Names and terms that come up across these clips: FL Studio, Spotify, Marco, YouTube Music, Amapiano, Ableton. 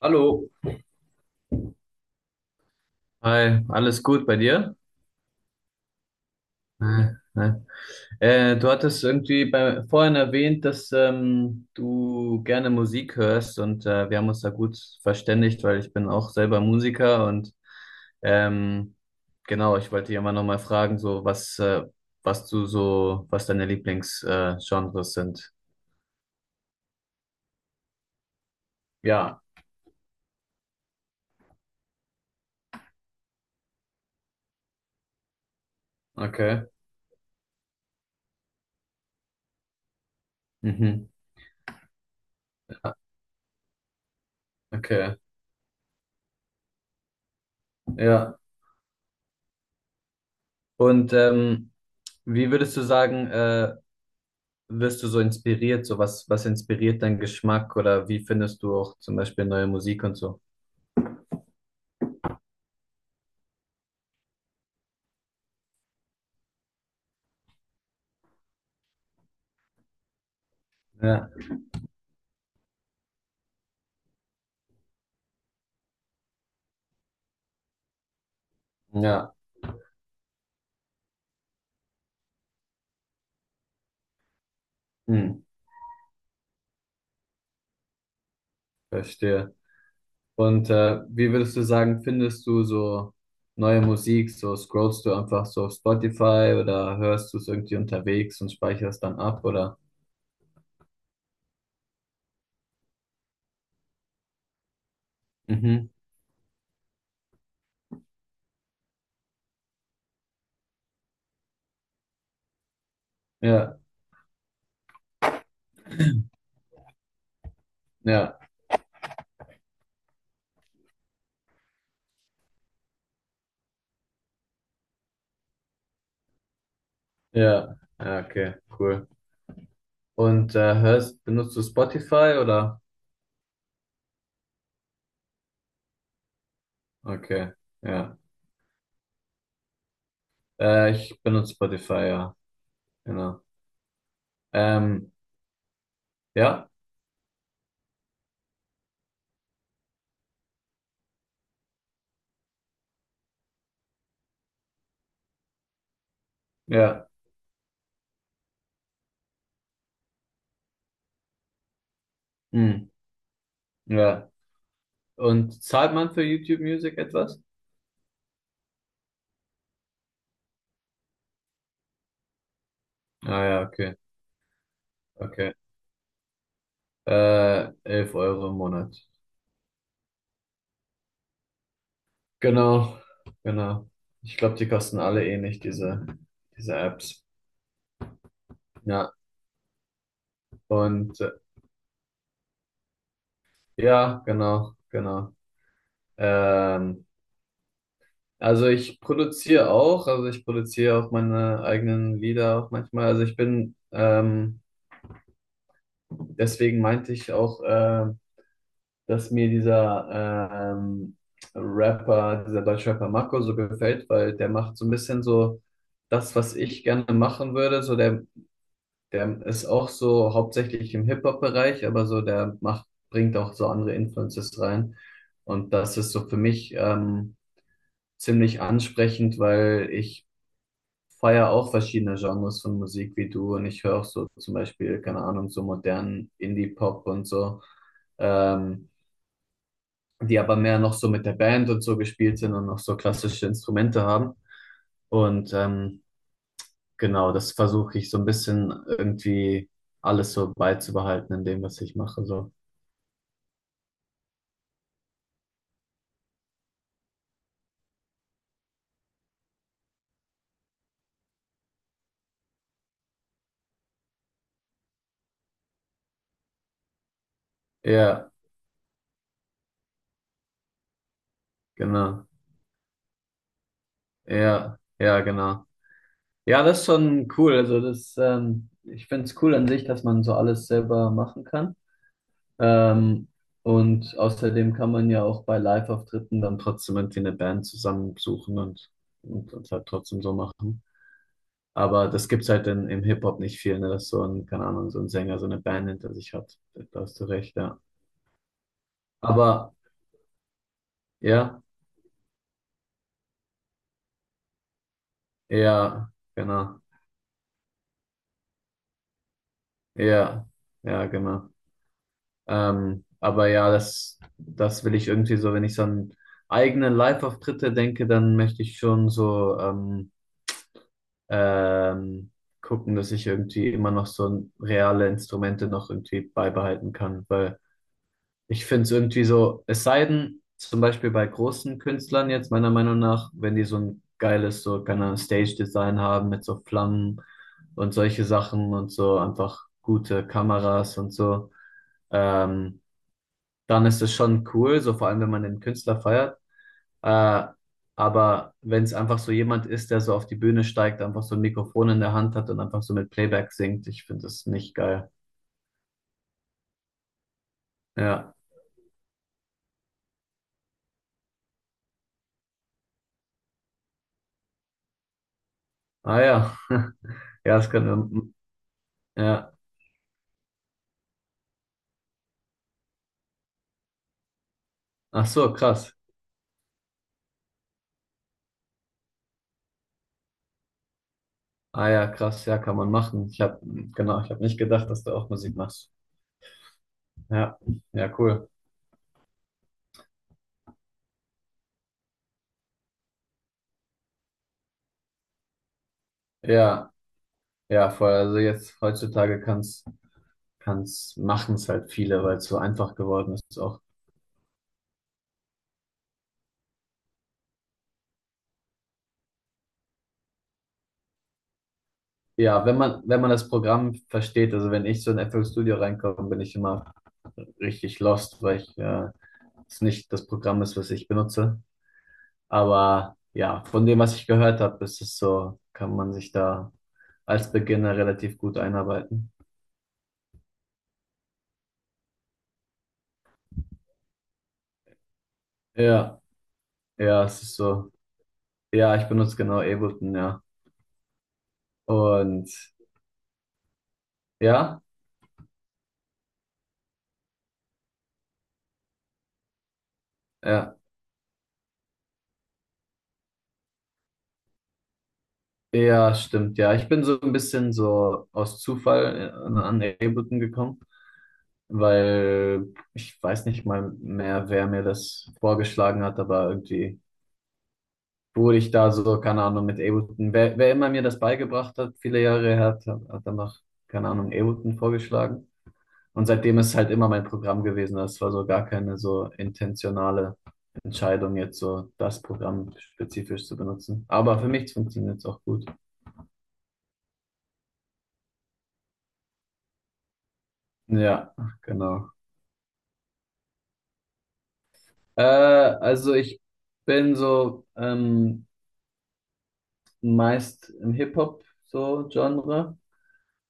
Hallo. Hi, alles gut bei dir? Äh, äh. Du hattest irgendwie vorhin erwähnt, dass du gerne Musik hörst und wir haben uns da gut verständigt, weil ich bin auch selber Musiker und ähm, genau, ich wollte dich immer noch mal fragen, so was, was du so, was deine Lieblingsgenres Genres sind. Ja, okay. Mhm. Okay, ja. Und wie würdest du sagen, wirst du so inspiriert? So was, was inspiriert deinen Geschmack oder wie findest du auch zum Beispiel neue Musik und so? Ja, ja, hm, verstehe. Und wie würdest du sagen, findest du so neue Musik? So scrollst du einfach so auf Spotify oder hörst du es irgendwie unterwegs und speicherst dann ab oder? Mhm. Ja, ja, ja, okay, cool. Und benutzt du Spotify oder? Okay, ja. Ich benutze Spotify, ja, genau. Ähm, ja. Ja, hm, ja. Und zahlt man für YouTube Music etwas? Ah ja, okay, okay. 11 Euro im Monat. Genau, genau. Ich glaube, die kosten alle ähnlich, diese Apps. Ja, und ja, genau, genau. Ähm, also ich produziere auch, also ich produziere auch meine eigenen Lieder auch manchmal. Deswegen meinte ich auch, dass mir dieser ähm, Rapper, dieser deutsche Rapper Marco so gefällt, weil der macht so ein bisschen so das, was ich gerne machen würde. Der ist auch so hauptsächlich im Hip-Hop-Bereich, aber so der macht, bringt auch so andere Influences rein. Und das ist so für mich ziemlich ansprechend, weil ich feiere auch verschiedene Genres von Musik wie du, und ich höre auch so zum Beispiel, keine Ahnung, so modernen Indie-Pop und so. Ähm, Die aber mehr noch so mit der Band und so gespielt sind und noch so klassische Instrumente haben. Und genau, das versuche ich so ein bisschen irgendwie alles so beizubehalten in dem, was ich mache. So. Ja, genau. Ja, ja, genau. Ja, das ist schon cool. Also das, ich finde es cool an sich, dass man so alles selber machen kann. Ähm, und außerdem kann man ja auch bei Live-Auftritten dann trotzdem irgendwie eine Band zusammensuchen und halt trotzdem so machen. Aber das gibt's halt im Hip-Hop nicht viel, ne? Dass so ein, keine Ahnung, so ein Sänger so eine Band hinter sich hat. Da hast du recht, ja. Aber ja, ja, genau. Ja, ja, genau. Aber ja, das, das will ich irgendwie so, wenn ich so an eigene Live-Auftritte denke, dann möchte ich schon so ähm, gucken, dass ich irgendwie immer noch so reale Instrumente noch irgendwie beibehalten kann, weil ich finde es irgendwie so, es sei denn, zum Beispiel bei großen Künstlern jetzt, meiner Meinung nach, wenn die so ein geiles, so, keine Ahnung, Stage-Design haben mit so Flammen und solche Sachen und so, einfach gute Kameras und so, ähm, dann ist es schon cool, so vor allem, wenn man den Künstler feiert. Äh, aber wenn es einfach so jemand ist, der so auf die Bühne steigt, einfach so ein Mikrofon in der Hand hat und einfach so mit Playback singt, ich finde das nicht geil. Ja. Ah ja. Ja, das können wir. Ja. Ach so, krass. Ah ja, krass, ja, kann man machen. Ich habe, genau, ich habe nicht gedacht, dass du auch Musik machst. Ja, ja, cool. Ja, ja, voll. Also jetzt heutzutage machen's halt viele, weil es so einfach geworden ist auch. Ja, wenn man das Programm versteht, also wenn ich so in FL Studio reinkomme, bin ich immer richtig lost, weil ich es nicht das Programm ist, was ich benutze. Aber ja, von dem, was ich gehört habe, ist es so, kann man sich da als Beginner relativ gut einarbeiten. Ja. Ja, es ist so. Ja, ich benutze genau Ableton, ja. Und ja, ja, ja, stimmt, ja. Ich bin so ein bisschen so aus Zufall an Ableton gekommen, weil ich weiß nicht mal mehr, wer mir das vorgeschlagen hat, aber irgendwie wurde ich da so, keine Ahnung, mit Ableton. Wer immer mir das beigebracht hat, viele Jahre her, hat danach, keine Ahnung, Ableton vorgeschlagen. Und seitdem ist halt immer mein Programm gewesen. Das war so gar keine so intentionale Entscheidung, jetzt so das Programm spezifisch zu benutzen. Aber für mich funktioniert es auch gut. Ja, genau. Also ich bin so meist im Hip-Hop so Genre.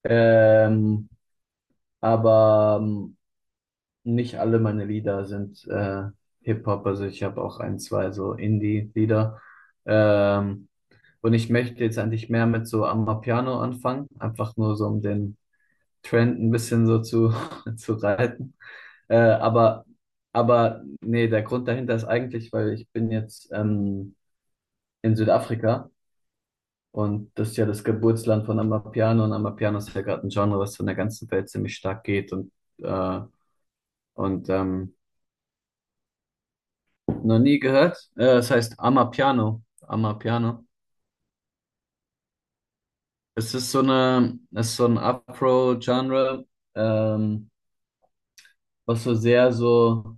Ähm, aber nicht alle meine Lieder sind Hip-Hop. Also ich habe auch ein, zwei so Indie-Lieder. Ähm, Und ich möchte jetzt eigentlich mehr mit so Amapiano anfangen, einfach nur so um den Trend ein bisschen so zu, zu reiten. Äh, aber, aber nee, der Grund dahinter ist eigentlich, weil ich bin jetzt in Südafrika und das ist ja das Geburtsland von Amapiano, und Amapiano ist ja gerade ein Genre, was so in der ganzen Welt ziemlich stark geht. Äh, und ähm, Noch nie gehört. Das heißt Amapiano. Amapiano. Es ist so eine, es ist so ein Afro-Genre. Ähm, Was so sehr so,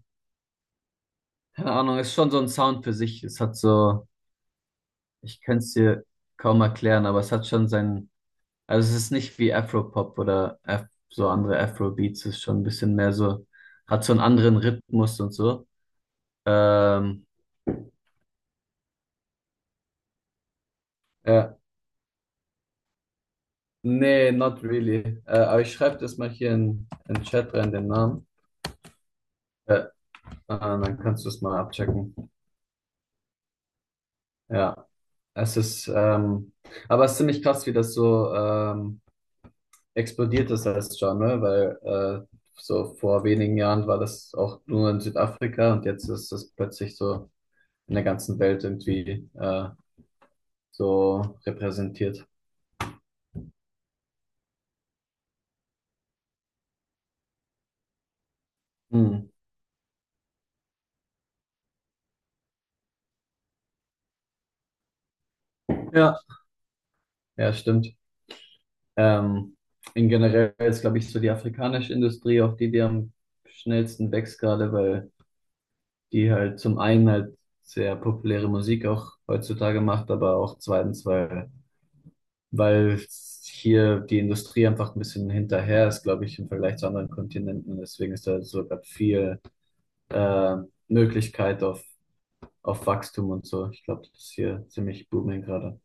keine Ahnung, ist schon so ein Sound für sich. Es hat so, ich könnte es dir kaum erklären, aber es hat schon seinen, also es ist nicht wie Afropop oder Af so andere Afrobeats, es ist schon ein bisschen mehr so, hat so einen anderen Rhythmus und so. Ähm, ja, nee, not really. Aber ich schreibe das mal hier in den Chat rein, den Namen. Äh, ah, dann kannst du es mal abchecken. Ja, es ist, aber es ist ziemlich krass, wie das so, explodiert das jetzt schon, ne? Weil äh, so vor wenigen Jahren war das auch nur in Südafrika und jetzt ist das plötzlich so in der ganzen Welt irgendwie so repräsentiert. Hm. Ja, ja, stimmt. Ähm, in generell ist, glaube ich, so die afrikanische Industrie auch die, die am schnellsten wächst gerade, weil die halt zum einen halt sehr populäre Musik auch heutzutage macht, aber auch zweitens, weil hier die Industrie einfach ein bisschen hinterher ist, glaube ich, im Vergleich zu anderen Kontinenten. Deswegen ist da so grad viel äh, Möglichkeit auf Wachstum und so. Ich glaube, das ist hier ziemlich booming gerade.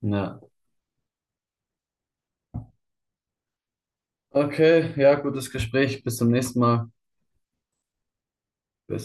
Ja. Okay, ja, gutes Gespräch. Bis zum nächsten Mal. Bis